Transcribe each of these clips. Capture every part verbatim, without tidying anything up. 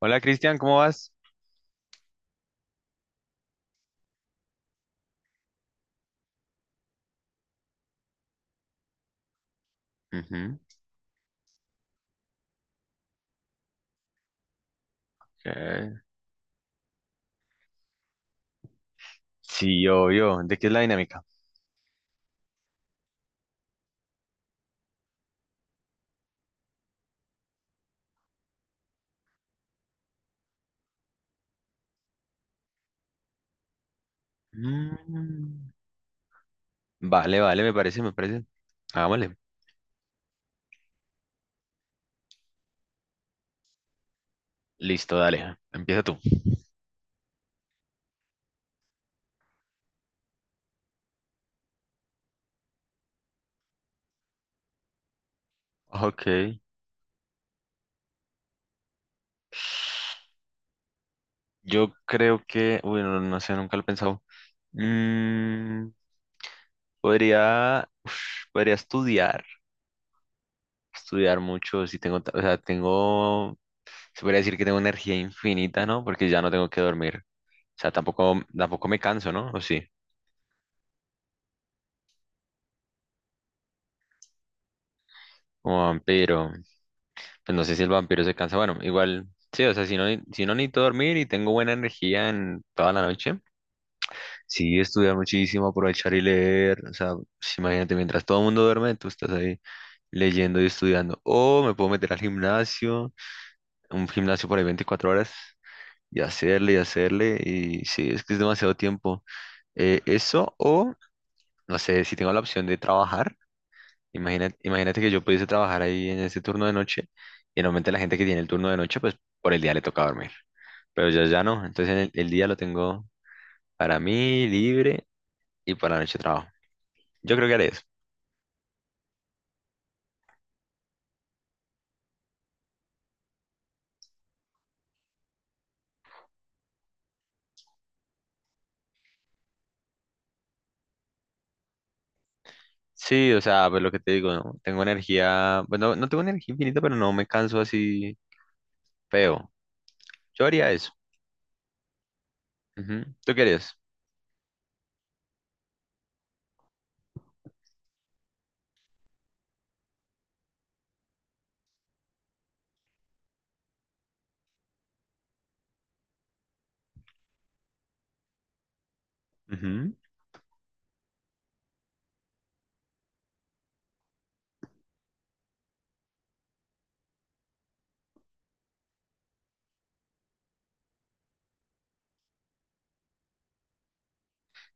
Hola Cristian, ¿cómo vas? Ujú. Eh, sí, obvio. ¿De qué es la dinámica? Mm, vale, vale, me parece, me parece. Hagámosle. Listo, dale, empieza tú. Ok. Yo creo que, uy, no, no sé, nunca lo he pensado. Mm, podría, uf, podría estudiar, estudiar mucho si tengo, ta- o sea, tengo, se podría decir que tengo energía infinita, ¿no? Porque ya no tengo que dormir. O sea, tampoco, tampoco me canso, ¿no? O sí, como vampiro. Pues no sé si el vampiro se cansa. Bueno, igual, sí, o sea, si no, ni- si no necesito dormir y tengo buena energía en toda la noche, sí, estudiar muchísimo, aprovechar y leer. O sea, pues, imagínate, mientras todo el mundo duerme, tú estás ahí leyendo y estudiando. O me puedo meter al gimnasio, un gimnasio por ahí veinticuatro horas, y hacerle y hacerle. Y sí, es que es demasiado tiempo. Eh, eso, o no sé, si tengo la opción de trabajar, imagínate, imagínate que yo pudiese trabajar ahí en ese turno de noche, y normalmente la gente que tiene el turno de noche, pues por el día le toca dormir. Pero ya ya no. Entonces el, el día lo tengo para mí libre y para la noche trabajo. Yo creo que haré eso. Sí, o sea, pues lo que te digo, ¿no? Tengo energía, bueno, no no tengo energía infinita, pero no me canso así feo. Yo haría eso. Ujú. ¿Tú qué harías? Ujú.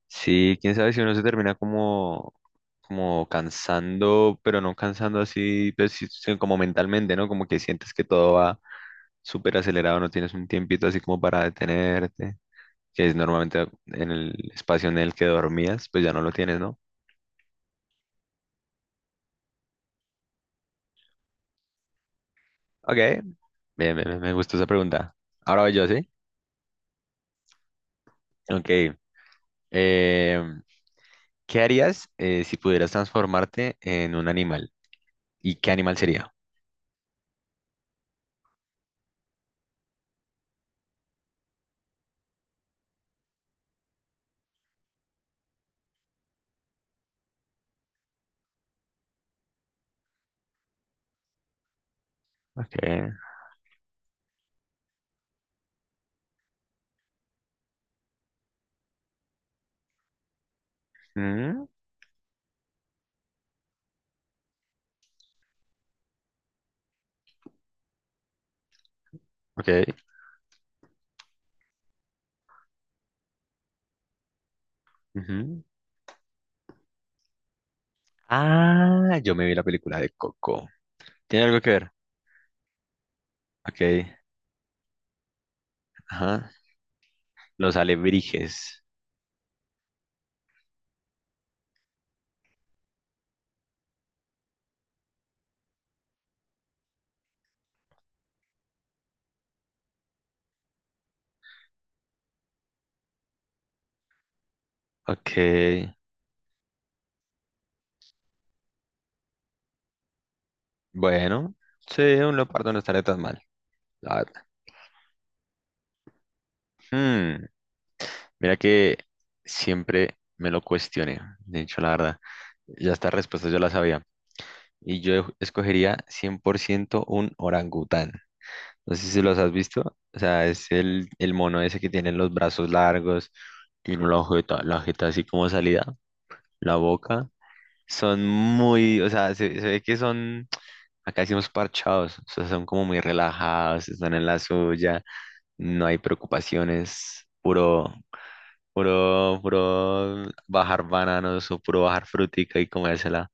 Sí, quién sabe si uno se termina como, como cansando, pero no cansando así, pues, sí, sino como mentalmente, ¿no? Como que sientes que todo va súper acelerado, no tienes un tiempito así como para detenerte. Que es normalmente en el espacio en el que dormías, pues ya no lo tienes, ¿no? Ok, bien, bien, me gustó esa pregunta. Ahora voy yo, ¿sí? Ok. eh, ¿Qué harías eh, si pudieras transformarte en un animal? ¿Y qué animal sería? Ok. Mm, ok. Ujú. Ah, yo me vi la película de Coco. ¿Tiene algo que ver? Ok. Ajá, los alebrijes. Ok, bueno, sí, un leopardo no estaría tan mal, la verdad. Hmm, mira que siempre me lo cuestioné, de hecho, la verdad. Ya estas respuestas yo las sabía. Y yo escogería cien por ciento un orangután. No sé si los has visto. O sea, es el, el mono ese que tiene los brazos largos, tiene la jeta, la jeta así como salida, la boca. Son muy, o sea, se, se ve que son, acá decimos parchados, o sea, son como muy relajados, están en la suya, no hay preocupaciones, puro, puro, puro bajar bananos o puro bajar frutica y comérsela,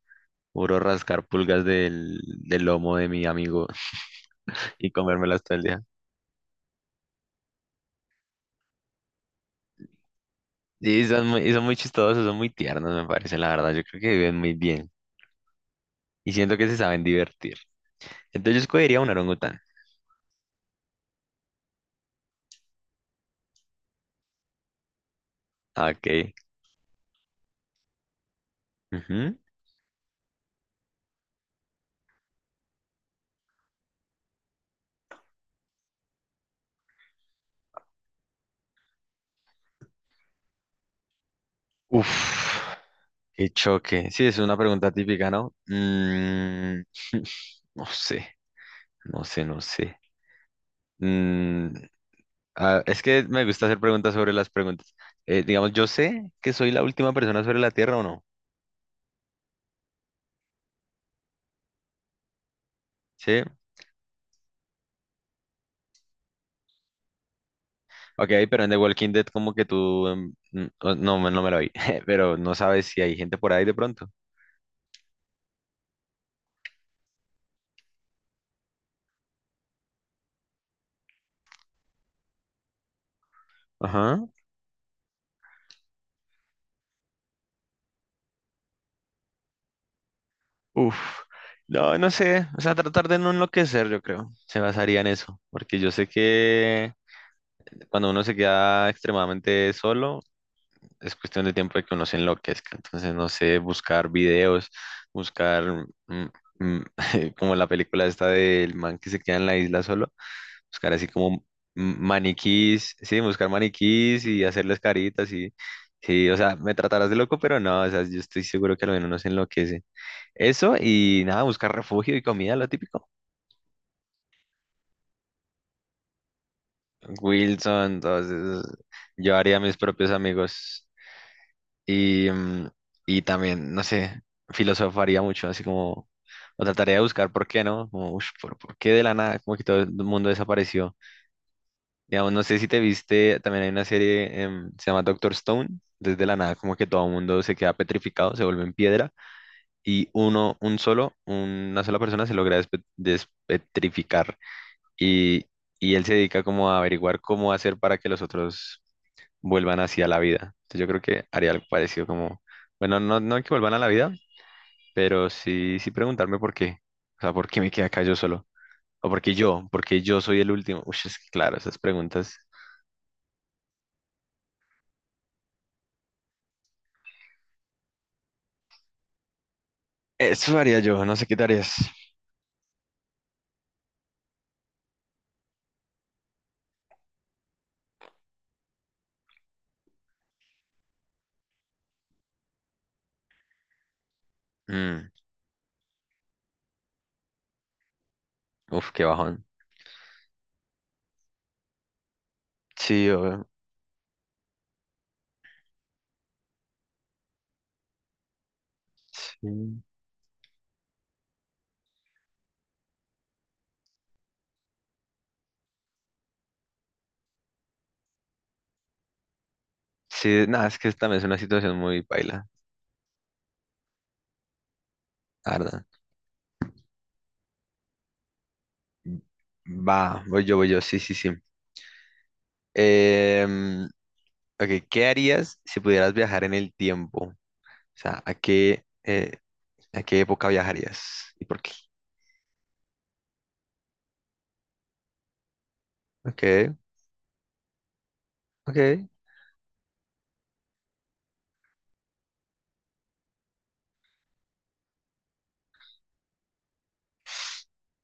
puro rascar pulgas del, del lomo de mi amigo y comérmelas todo el día. Y son muy, y son muy chistosos, son muy tiernos, me parece, la verdad, yo creo que viven muy bien y siento que se saben divertir. Entonces yo escogería un orangután. Ok. Ujú. Uf. Qué choque. Sí, es una pregunta típica, ¿no? Mm, no sé, no sé, no sé. Mm, ah, es que me gusta hacer preguntas sobre las preguntas. Eh, digamos, yo sé que soy la última persona sobre la Tierra o no. Sí. Ok, pero en The Walking Dead como que tú... em, mm, o- no, me- no me lo vi, pero no sabes si hay gente por ahí de pronto. Ajá. Uf. No, no sé. O sea, tratar de no enloquecer, yo creo. Se basaría en eso. Porque yo sé que cuando uno se queda extremadamente solo es cuestión de tiempo de que uno se enloquezca. Entonces, no sé, buscar videos, buscar mm, mm, como la película esta del man que se queda en la isla solo, buscar así como mm, maniquís, sí, buscar maniquís y hacerles caritas y sí, o sea, me tratarás de loco, pero no, o sea, yo estoy seguro que al menos uno se enloquece. Eso y nada, buscar refugio y comida, lo típico. Wilson, entonces yo haría mis propios amigos. Y, mm, y también, no sé, filosofaría mucho, así como, o trataría de buscar por qué, ¿no? Como, ush, ¿por, por qué de la nada? Como que todo el mundo desapareció. Digamos, no sé si te viste, también hay una serie, em, se llama Doctor Stone, desde la nada, como que todo el mundo se queda petrificado, se vuelve en piedra, y uno, un solo, una sola persona se logra despe- despetrificar. Y, y él se dedica como a averiguar cómo hacer para que los otros vuelvan así a la vida. Entonces yo creo que haría algo parecido como, bueno, no, no que vuelvan a la vida, pero sí, sí preguntarme por qué. O sea, ¿por qué me quedé acá yo solo? ¿O por qué yo? ¿Por qué yo soy el último? Uy, es que claro, esas preguntas. Eso haría yo, no sé qué te harías. Mm, uf, qué bajón. Sí, obvio. Sí, sí, nada, es que también es una situación muy paila, la verdad. Va, voy yo, voy yo, sí, sí, sí. Em, ok, ¿qué harías si pudieras viajar en el tiempo? O sea, ¿a qué, eh, ¿a qué época viajarías? ¿Y por qué? Ok, ok.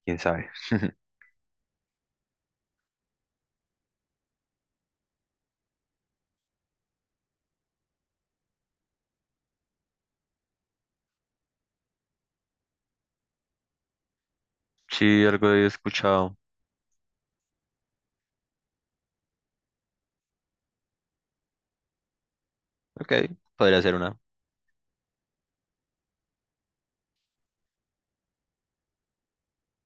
¿Quién sabe? Sí, algo he escuchado. Ok, podría ser una.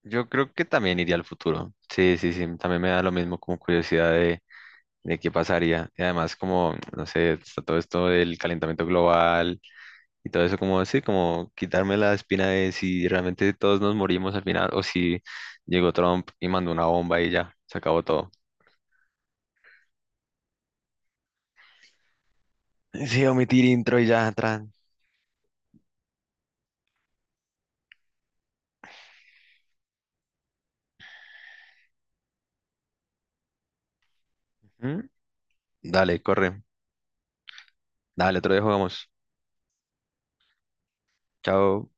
Yo creo que también iría al futuro. Sí, sí, sí. También me da lo mismo como curiosidad de, de qué pasaría. Y además como, no sé, está todo esto del calentamiento global y todo eso como así, como quitarme la espina de si realmente todos nos morimos al final o si llegó Trump y mandó una bomba y ya, se acabó todo. Sí, omitir intro y ya, tran. ¿Mm? Dale, corre. Dale, otro día jugamos. Chao.